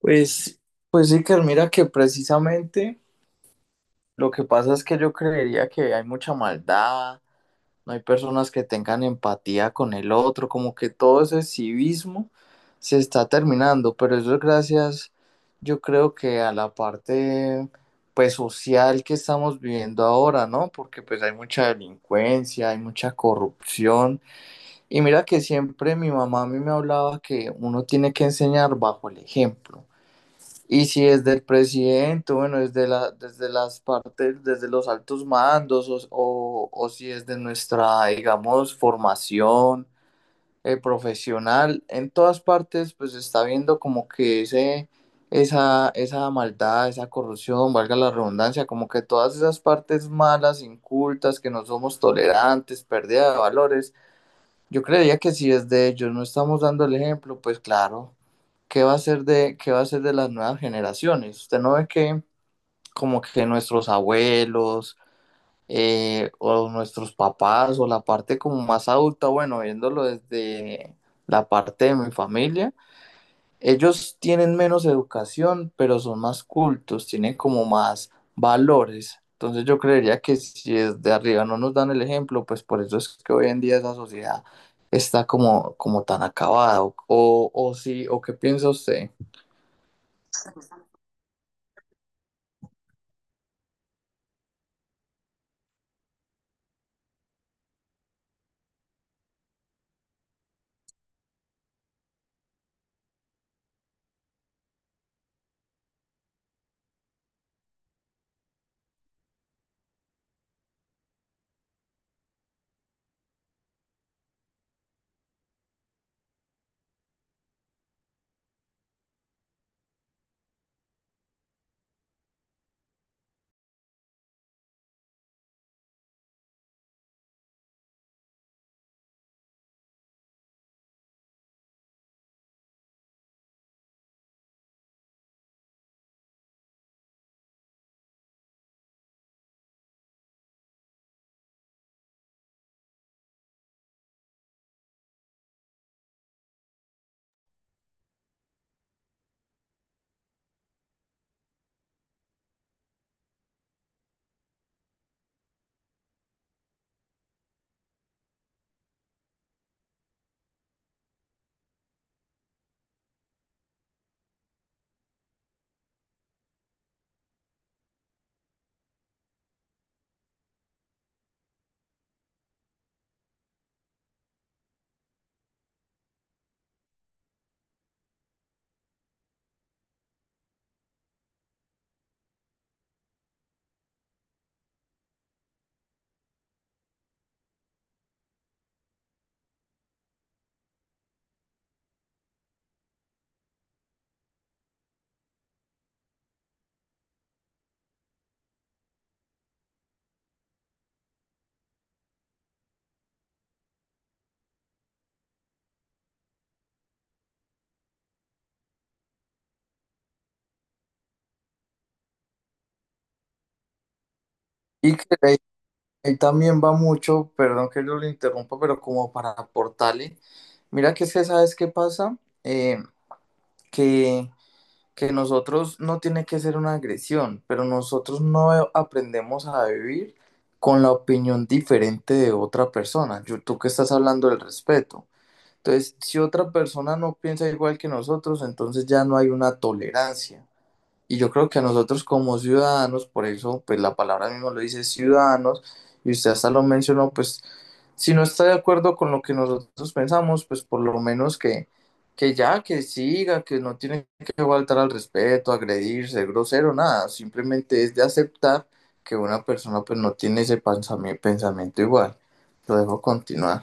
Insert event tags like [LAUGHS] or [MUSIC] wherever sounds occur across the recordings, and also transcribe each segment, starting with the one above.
Pues, pues sí, que mira que precisamente lo que pasa es que yo creería que hay mucha maldad, no hay personas que tengan empatía con el otro, como que todo ese civismo se está terminando, pero eso es gracias, yo creo que a la parte pues social que estamos viviendo ahora, ¿no? Porque pues hay mucha delincuencia, hay mucha corrupción, y mira que siempre mi mamá a mí me hablaba que uno tiene que enseñar bajo el ejemplo. Y si es del presidente, bueno, desde la, desde las partes, desde los altos mandos, o si es de nuestra, digamos, formación profesional, en todas partes, pues se está viendo como que esa maldad, esa corrupción, valga la redundancia, como que todas esas partes malas, incultas, que no somos tolerantes, pérdida de valores. Yo creería que si es de ellos, no estamos dando el ejemplo, pues claro, ¿qué va a ser de las nuevas generaciones? Usted no ve que como que nuestros abuelos, o nuestros papás o la parte como más adulta, bueno, viéndolo desde la parte de mi familia, ellos tienen menos educación, pero son más cultos, tienen como más valores. Entonces yo creería que si desde arriba no nos dan el ejemplo, pues por eso es que hoy en día esa sociedad está como tan acabada. O sí, o qué piensa usted. Y que ahí, ahí también va mucho, perdón que yo le interrumpa, pero como para aportarle. Mira que es que, ¿sabes qué pasa? Eh, que que nosotros, no tiene que ser una agresión, pero nosotros no aprendemos a vivir con la opinión diferente de otra persona. Yo, tú que estás hablando del respeto. Entonces, si otra persona no piensa igual que nosotros, entonces ya no hay una tolerancia. Y yo creo que a nosotros como ciudadanos, por eso pues la palabra mismo lo dice, ciudadanos, y usted hasta lo mencionó, pues si no está de acuerdo con lo que nosotros pensamos, pues por lo menos que ya, que siga, que no tiene que faltar al respeto, agredir, ser grosero, nada, simplemente es de aceptar que una persona pues no tiene ese pensamiento igual. Lo dejo continuar.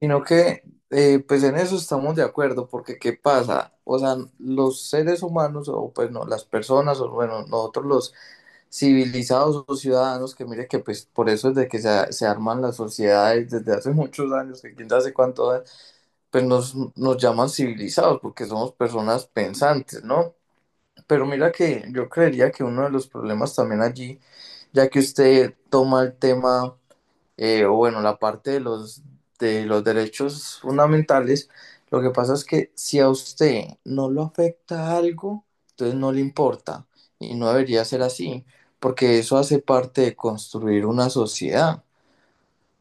Sino que, pues en eso estamos de acuerdo, porque ¿qué pasa? O sea, los seres humanos, o pues no, las personas, o bueno, nosotros los civilizados o ciudadanos, que mire que pues por eso es de que se arman las sociedades desde hace [LAUGHS] muchos años, que quién sabe cuánto, pues nos llaman civilizados, porque somos personas pensantes, ¿no? Pero mira que yo creería que uno de los problemas también allí, ya que usted toma el tema, o bueno, la parte de los derechos fundamentales, lo que pasa es que si a usted no lo afecta algo, entonces no le importa y no debería ser así, porque eso hace parte de construir una sociedad.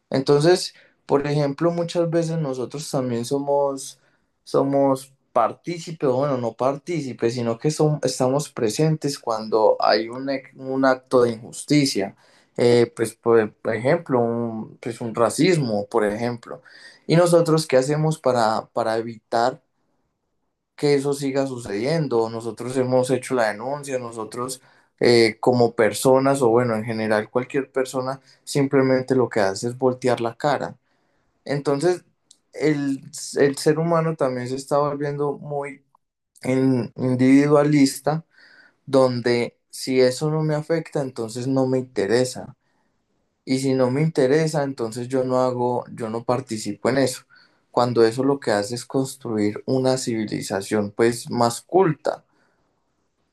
Entonces, por ejemplo, muchas veces nosotros también somos, somos partícipes, o bueno, no partícipes, sino que estamos presentes cuando hay un acto de injusticia. Por ejemplo, pues un racismo, por ejemplo. ¿Y nosotros qué hacemos para evitar que eso siga sucediendo? Nosotros hemos hecho la denuncia, nosotros, como personas, o bueno, en general cualquier persona, simplemente lo que hace es voltear la cara. Entonces, el, el ser humano también se está volviendo muy individualista, donde si eso no me afecta, entonces no me interesa. Y si no me interesa, entonces yo no hago, yo no participo en eso. Cuando eso lo que hace es construir una civilización pues más culta.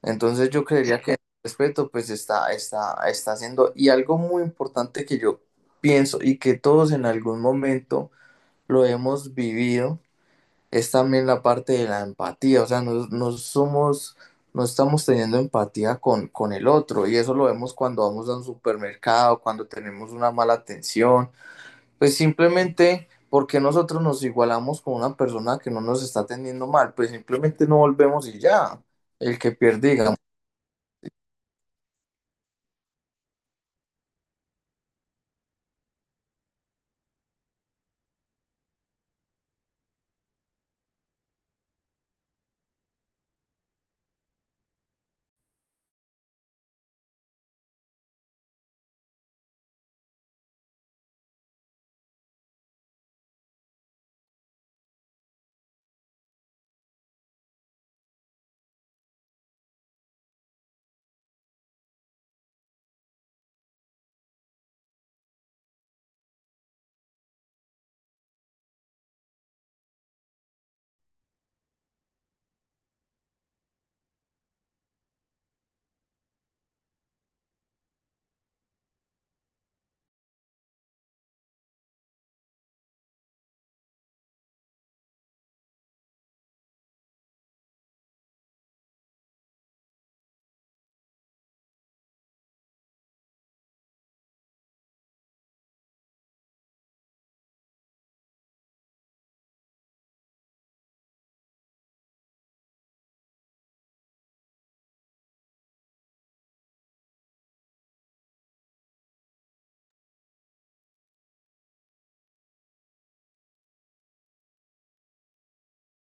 Entonces yo creería que el respeto pues está haciendo. Y algo muy importante que yo pienso y que todos en algún momento lo hemos vivido es también la parte de la empatía, o sea, no somos, no estamos teniendo empatía con el otro y eso lo vemos cuando vamos a un supermercado, cuando tenemos una mala atención, pues simplemente porque nosotros nos igualamos con una persona que no nos está atendiendo mal, pues simplemente no volvemos y ya, el que pierde, y